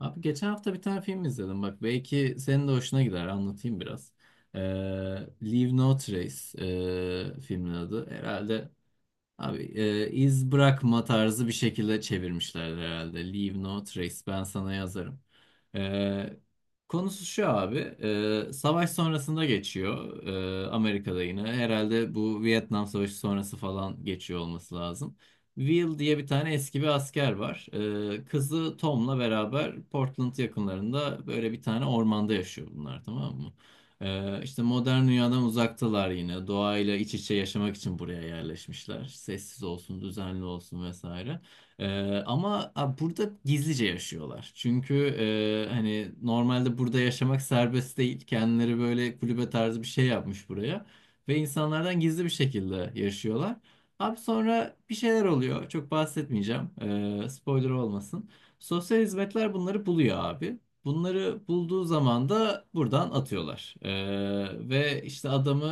Abi geçen hafta bir tane film izledim. Bak belki senin de hoşuna gider. Anlatayım biraz. Ee, Leave No Trace, filmin adı herhalde. Abi iz bırakma tarzı bir şekilde çevirmişler herhalde. Leave no trace. Ben sana yazarım. E, Konusu şu abi. Savaş sonrasında geçiyor. Amerika'da yine. Herhalde bu Vietnam Savaşı sonrası falan geçiyor olması lazım. Will diye bir tane eski bir asker var. Kızı Tom'la beraber Portland yakınlarında böyle bir tane ormanda yaşıyor bunlar, tamam mı? İşte modern dünyadan uzaktalar yine. Doğayla iç içe yaşamak için buraya yerleşmişler. Sessiz olsun, düzenli olsun vesaire. Ee, ama burada gizlice yaşıyorlar. Çünkü hani normalde burada yaşamak serbest değil. Kendileri böyle kulübe tarzı bir şey yapmış buraya. Ve insanlardan gizli bir şekilde yaşıyorlar. Abi sonra bir şeyler oluyor. Çok bahsetmeyeceğim. Spoiler olmasın. Sosyal hizmetler bunları buluyor abi. Bunları bulduğu zaman da buradan atıyorlar. Ve işte adamı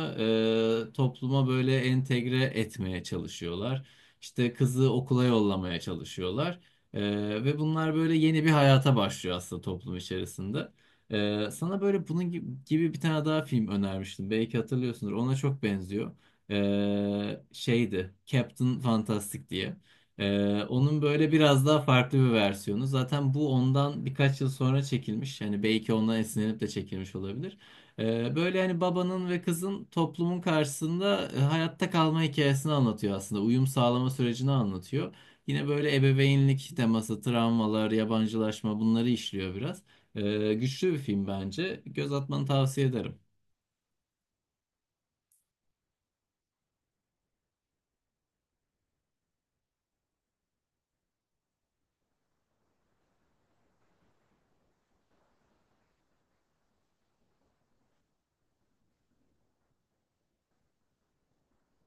topluma böyle entegre etmeye çalışıyorlar. İşte kızı okula yollamaya çalışıyorlar. Ee, Ve bunlar böyle yeni bir hayata başlıyor aslında toplum içerisinde. Sana böyle bunun gibi bir tane daha film önermiştim. Belki hatırlıyorsundur. Ona çok benziyor. Şeydi, Captain Fantastic diye. Onun böyle biraz daha farklı bir versiyonu. Zaten bu ondan birkaç yıl sonra çekilmiş. Yani belki ondan esinlenip de çekilmiş olabilir. Böyle hani babanın ve kızın toplumun karşısında hayatta kalma hikayesini anlatıyor aslında. Uyum sağlama sürecini anlatıyor. Yine böyle ebeveynlik teması, travmalar, yabancılaşma, bunları işliyor biraz. Güçlü bir film bence. Göz atmanı tavsiye ederim.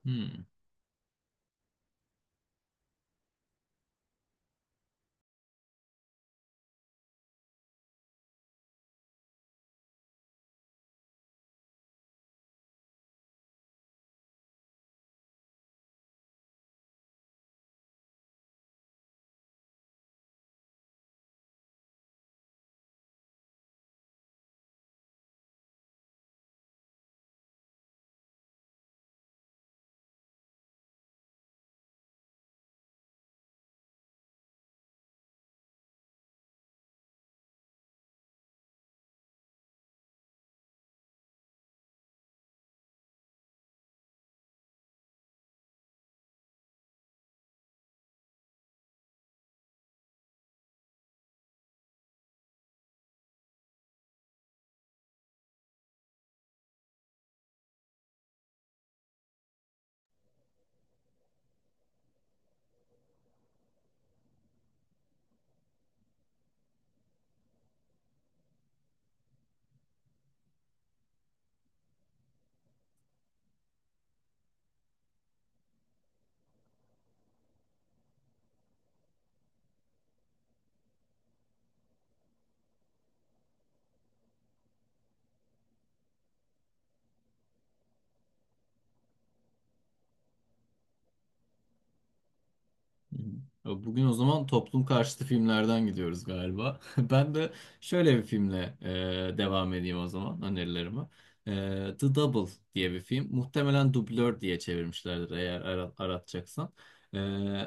Hmm. Hı hı. Bugün o zaman toplum karşıtı filmlerden gidiyoruz galiba. Ben de şöyle bir filmle devam edeyim o zaman önerilerime. The Double diye bir film. Muhtemelen dublör diye çevirmişlerdir eğer aratacaksan. E,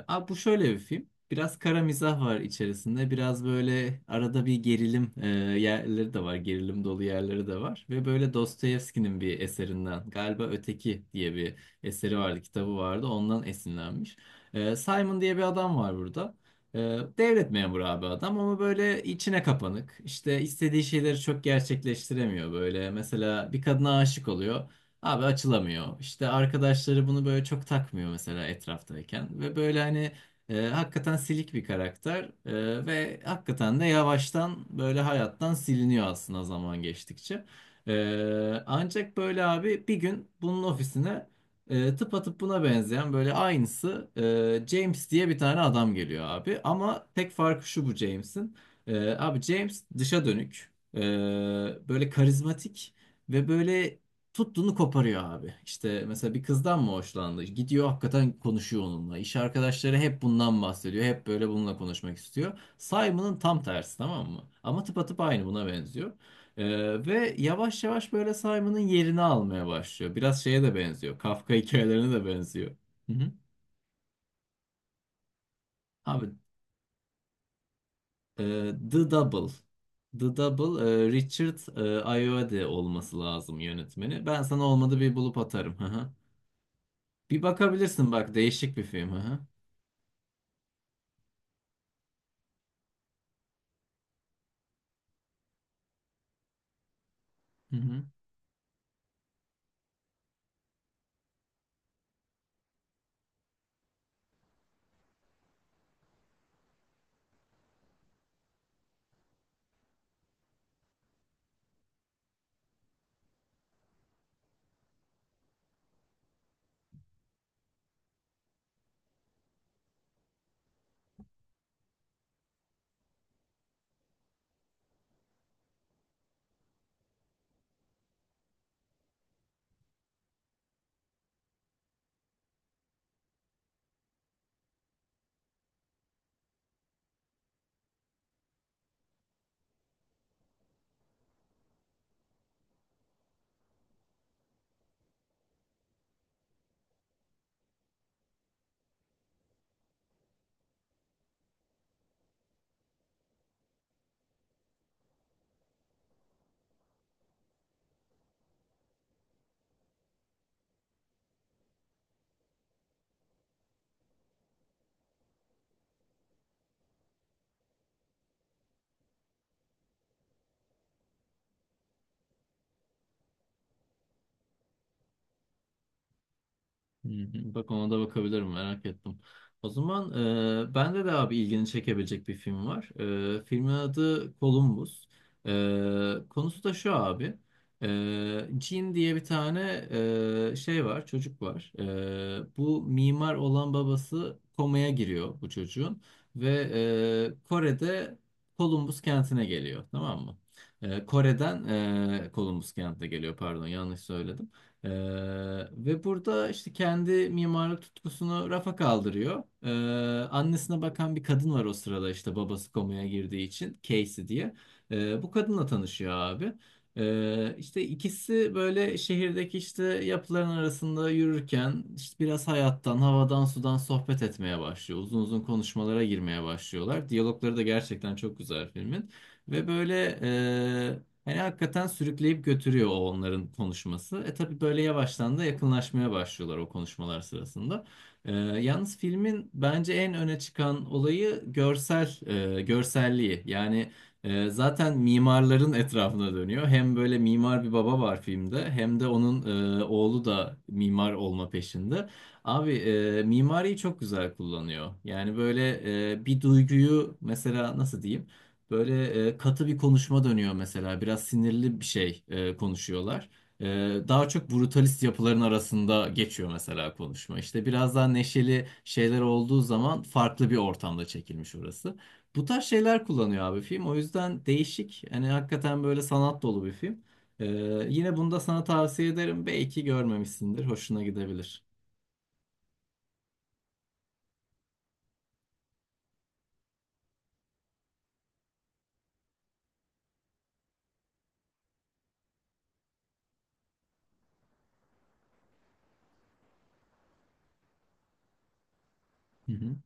Bu şöyle bir film. Biraz kara mizah var içerisinde. Biraz böyle arada bir gerilim yerleri de var. Gerilim dolu yerleri de var. Ve böyle Dostoyevski'nin bir eserinden galiba Öteki diye bir eseri vardı, kitabı vardı. Ondan esinlenmiş. Simon diye bir adam var burada. Ee, Devlet memuru abi adam ama böyle içine kapanık. İşte istediği şeyleri çok gerçekleştiremiyor böyle. Mesela bir kadına aşık oluyor. Abi açılamıyor. İşte arkadaşları bunu böyle çok takmıyor mesela etraftayken. Ve böyle hani hakikaten silik bir karakter. Ve hakikaten de yavaştan böyle hayattan siliniyor aslında zaman geçtikçe. Ancak böyle abi bir gün bunun ofisine tıpatıp buna benzeyen böyle aynısı James diye bir tane adam geliyor abi. Ama tek farkı şu bu James'in. Abi James dışa dönük, böyle karizmatik ve böyle tuttuğunu koparıyor abi. İşte mesela bir kızdan mı hoşlandı? Gidiyor hakikaten konuşuyor onunla. İş arkadaşları hep bundan bahsediyor. Hep böyle bununla konuşmak istiyor. Simon'ın tam tersi, tamam mı? Ama tıpatıp aynı buna benziyor. Ve yavaş yavaş böyle Simon'ın yerini almaya başlıyor. Biraz şeye de benziyor. Kafka hikayelerine de benziyor. Hı hı. Abi e, The Double. The Double, Richard Ayoade olması lazım yönetmeni. Ben sana olmadı bir bulup atarım. Hı hı. Bir bakabilirsin bak, değişik bir film. Hı hı. Hı hı. Hı hı. Bak ona da bakabilirim, merak ettim. O zaman bende de abi ilgini çekebilecek bir film var. Filmin adı Columbus. Konusu da şu abi. Jean diye bir tane şey var, çocuk var. Bu mimar olan babası komaya giriyor bu çocuğun. Ve Kore'de Columbus kentine geliyor, tamam mı? Kore'den Columbus kentine geliyor pardon, yanlış söyledim. Ee, Ve burada işte kendi mimarlık tutkusunu rafa kaldırıyor. Annesine bakan bir kadın var o sırada işte babası komaya girdiği için, Casey diye. Bu kadınla tanışıyor abi. İşte ikisi böyle şehirdeki işte yapıların arasında yürürken işte biraz hayattan, havadan, sudan sohbet etmeye başlıyor. Uzun uzun konuşmalara girmeye başlıyorlar. Diyalogları da gerçekten çok güzel filmin. Ve böyle hani hakikaten sürükleyip götürüyor o onların konuşması. E tabii böyle yavaştan da yakınlaşmaya başlıyorlar o konuşmalar sırasında. Yalnız filmin bence en öne çıkan olayı görselliği. Yani zaten mimarların etrafına dönüyor. Hem böyle mimar bir baba var filmde hem de onun oğlu da mimar olma peşinde. Abi mimariyi çok güzel kullanıyor. Yani böyle bir duyguyu mesela nasıl diyeyim? Böyle katı bir konuşma dönüyor mesela. Biraz sinirli bir şey konuşuyorlar. E, Daha çok brutalist yapıların arasında geçiyor mesela konuşma. İşte biraz daha neşeli şeyler olduğu zaman farklı bir ortamda çekilmiş orası. Bu tarz şeyler kullanıyor abi film. O yüzden değişik. Hani hakikaten böyle sanat dolu bir film. E, Yine bunu da sana tavsiye ederim. Belki görmemişsindir. Hoşuna gidebilir. Hı hı.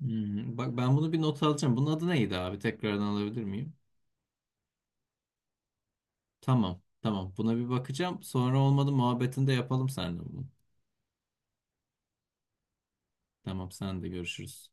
Hmm, bak ben bunu bir not alacağım. Bunun adı neydi abi? Tekrardan alabilir miyim? Tamam. Tamam. Buna bir bakacağım. Sonra olmadı muhabbetini de yapalım seninle bunu. Tamam, sen de görüşürüz.